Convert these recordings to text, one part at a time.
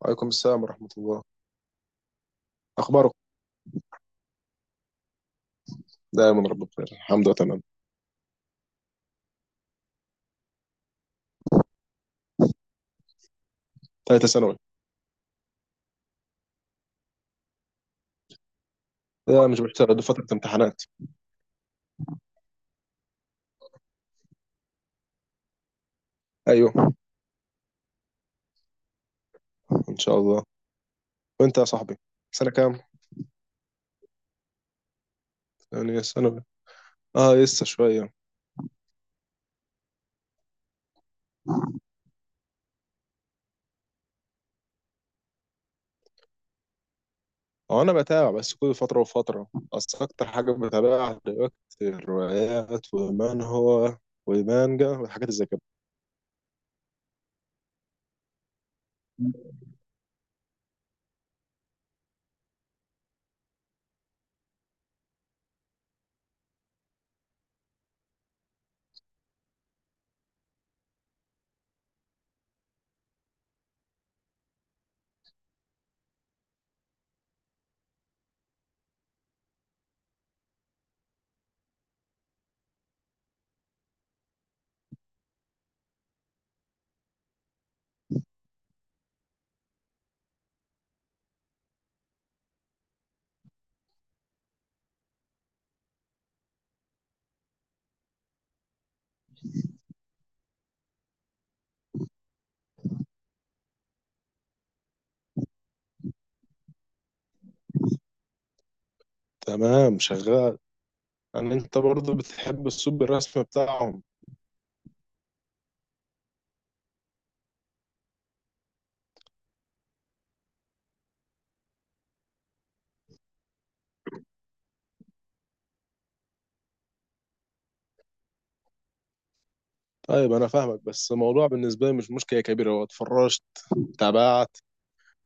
وعليكم السلام ورحمة الله. أخبارك. دائما رب بخير، الحمد لله تمام. ثالثة ثانوي. لا مش بشتغل، دي فترة امتحانات. أيوه. إن شاء الله. وأنت يا صاحبي، سنة كام؟ يعني ثانوي. آه لسه شوية. هو أنا بتابع بس كل فترة وفترة. أصل أكتر حاجة بتابعها دلوقتي الروايات ومن هو والمانجا والحاجات زي كده. تمام شغال. يعني انت برضه بتحب اسلوب الرسم بتاعهم؟ طيب انا فاهمك، بس الموضوع بالنسبه لي مش مشكله كبيره، هو اتفرجت تابعت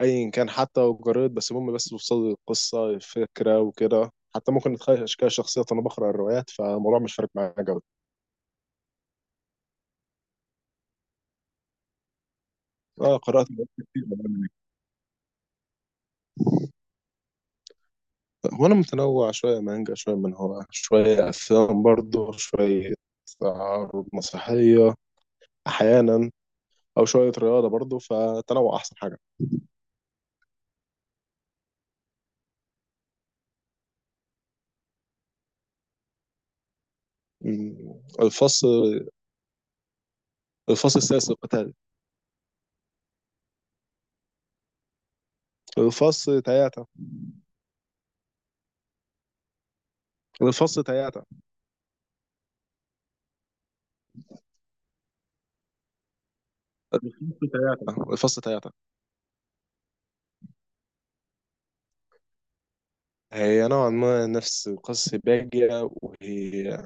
ايا كان حتى لو جريد، بس المهم بس توصل لي القصه الفكره وكده، حتى ممكن نتخيل اشكال شخصيات، انا بقرا الروايات فالموضوع مش فارق معايا قوي. اه قرات روايات كتير من الأنمي. وانا متنوع، شويه مانجا شويه من هو شويه افلام برضه، شويه عروض مسرحيه احيانا، او شويه رياضه برضه، فتنوع احسن حاجه. مم. الفصل السادس القتالي. الفصل تياتا. الفصل تياتا. الفصل تياتا. الفصل تياتا. هي نوعا ما نفس قصة باجية، وهي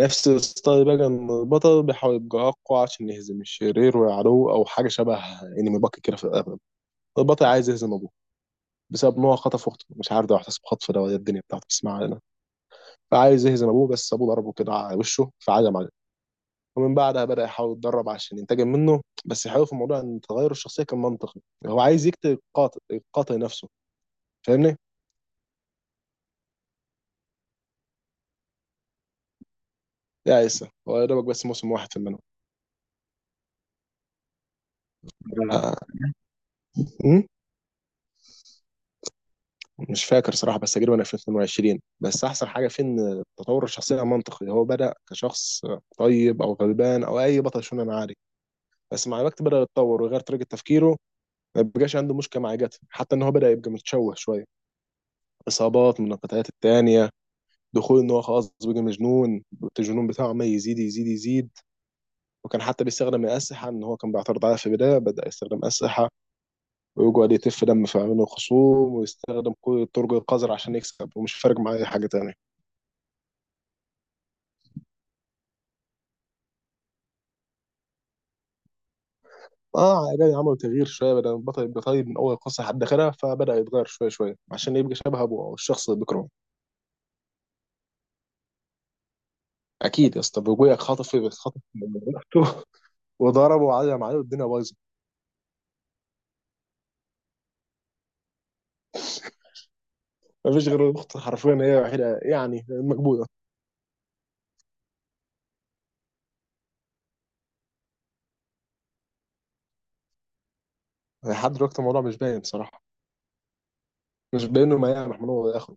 نفس ستايل باجية، إن البطل بيحاول يبقى أقوى عشان يهزم الشرير ويعلوه أو حاجة شبه أنمي باكي كده في الأغلب. البطل عايز يهزم أبوه بسبب إن هو خطف أخته، مش عارف ده احتسب خطف ده ولا إيه الدنيا بتاعته، بس ما علينا. فعايز يهزم أبوه، بس أبوه ضربه كده على وشه، فعزم عليه. ومن بعدها بدأ يحاول يتدرب عشان ينتقم منه. بس الحلو في الموضوع إن تغير الشخصية كان منطقي. هو عايز يقتل القاتل، القاتل نفسه، فاهمني؟ يا عيسى هو يا دوبك بس موسم واحد في المنهج. مش فاكر صراحة، بس تقريبا 2022. بس أحسن حاجة فيه إن تطور الشخصية منطقي. هو بدأ كشخص طيب أو غلبان أو أي بطل شونان عادي، بس مع الوقت بدأ يتطور ويغير طريقة تفكيره. ما بقاش عنده مشكلة مع جاته، حتى إن هو بدأ يبقى متشوه شوية، إصابات من القتالات التانية، دخول إن هو خلاص بقى مجنون، الجنون بتاعه ما يزيد يزيد يزيد. وكان حتى بيستخدم الأسلحة، إن هو كان بيعترض عليها في البداية، بدأ يستخدم أسلحة ويقعد يتف دم في عيون الخصوم ويستخدم كل الطرق القذرة عشان يكسب، ومش فارق معاه أي حاجة تانية. اه عادي، عملوا تغيير شويه، بدل بطل يبقى طيب من اول قصه لحد اخرها، فبدا يتغير شويه شويه عشان يبقى شبه ابوه او الشخص اللي بيكرهه. اكيد يا اسطى، ابويا خطف خطف من اخته، وضربه وعلم عليه والدنيا بايظه. مفيش غير الاخت حرفيا، هي الوحيده يعني مكبوته. لحد دلوقتي الموضوع مش باين بصراحه، مش باين انه يا محمود هو اخره.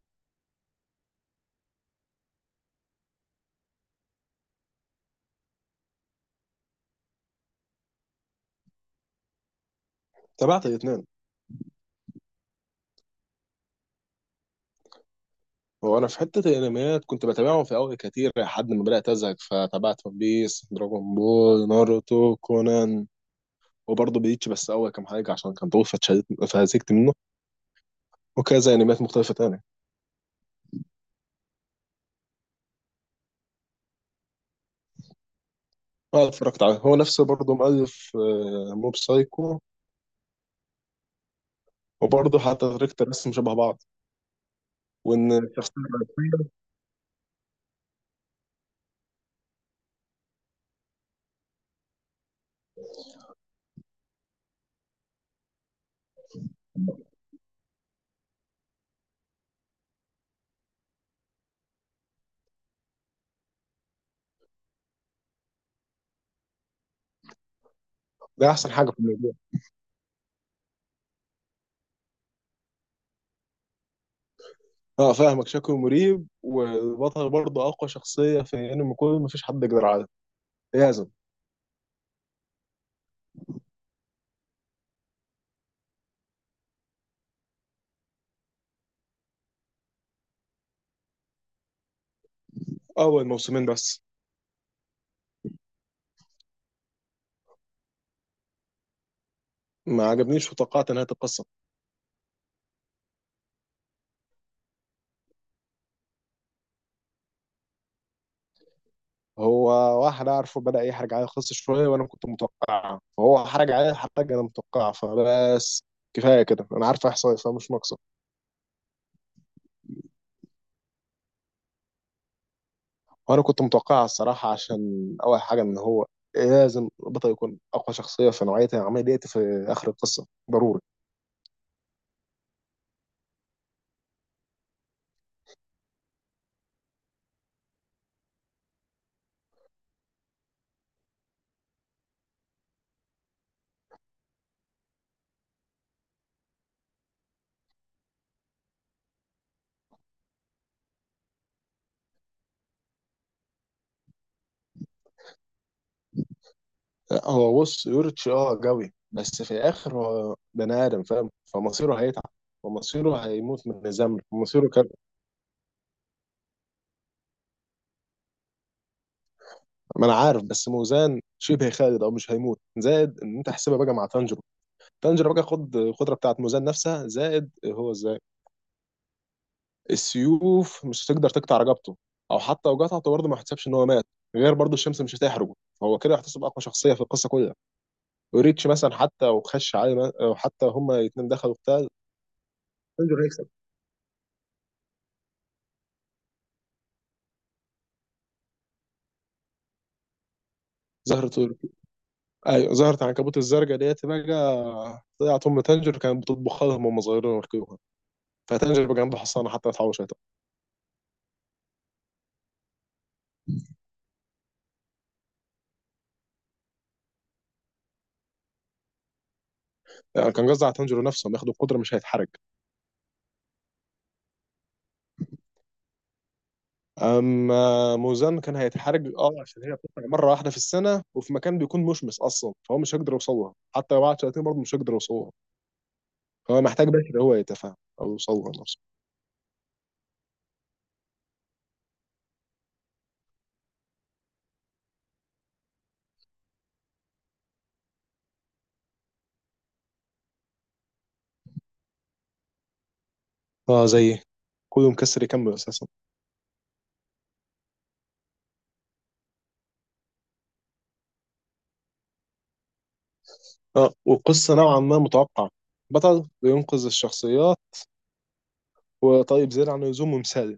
تابعت الاثنين. هو انا في حته الانميات كنت بتابعهم في اول كتير لحد ما بدات ازهق، فتابعت ون بيس، دراجون بول، ناروتو، كونان، وبرضه بليتش بس اول كام حاجه عشان كان طويل فاتشدت فهزكت منه، وكذا انميات مختلفه تانية. اه اتفرجت عليه، هو نفسه برضه مؤلف موب سايكو. وبرضه حتى طريقه الرسم شبه بعض، وان الشخصيه الرئيسية. ده احسن حاجه في الموضوع. اه فاهمك، شكله مريب، والبطل برضه اقوى شخصيه في انمي كله، مفيش حد يقدر عليه لازم. اول موسمين بس. ما عجبنيش وتوقعت نهايه القصه. هو واحد اعرفه بدا يحرج عليا القصه شويه، وانا كنت متوقعها، فهو حرج عليا حرج، انا متوقعها فبس. كفايه كده، انا عارف احصائي، فمش ناقص. وانا كنت متوقعها الصراحه، عشان اول حاجه ان هو لازم البطل يكون اقوى شخصيه في نوعيه العمليه ديت في اخر القصه ضروري. لا، هو بص، يوريتش قوي، بس في الاخر هو بني ادم فاهم، فمصيره هيتعب ومصيره هيموت من الزمن، ومصيره كان. ما انا عارف، بس موزان شبه خالد او مش هيموت، زائد ان انت حسبها بقى مع تانجيرو. تانجيرو بقى خد القدره بتاعت موزان نفسها، زائد هو السيوف مش هتقدر تقطع رقبته، او حتى لو قطعته برضه ما يحتسبش ان هو مات، غير برضه الشمس مش هتحرقه. هو كده يحتسب اقوى شخصيه في القصه كلها. وريتش مثلا حتى وخش عليه، او حتى هما الاثنين دخلوا قتال، تنجر هيكسب. زهرة ال-، ايوه زهرة العنكبوت الزرقاء ديت بقى طلعت ام تنجر كانت بتطبخ لهم وهم صغيرين ويركبوها، فتنجر بقى عنده حصانه حتى ما تحوش. يعني كان قصدي على تنجر نفسه، لما ياخد القدره مش هيتحرق. اما موزان كان هيتحرج اه، عشان هي بتطلع مره واحده في السنه وفي مكان بيكون مشمس اصلا، فهو مش هيقدر يوصلها حتى لو قعد سنتين، برضه مش هيقدر يوصلها. فهو محتاج بشر هو يتفاهم، او يوصلها نفسه. اه زي كله مكسر يكمل اساسا. اه والقصه نوعا ما متوقعه، بطل بينقذ الشخصيات، وطيب زيادة عن اللزوم، ومثالي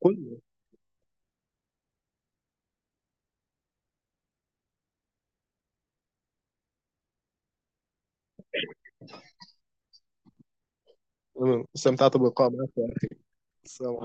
كله. استمتعت باللقاء معك. السلام عليكم.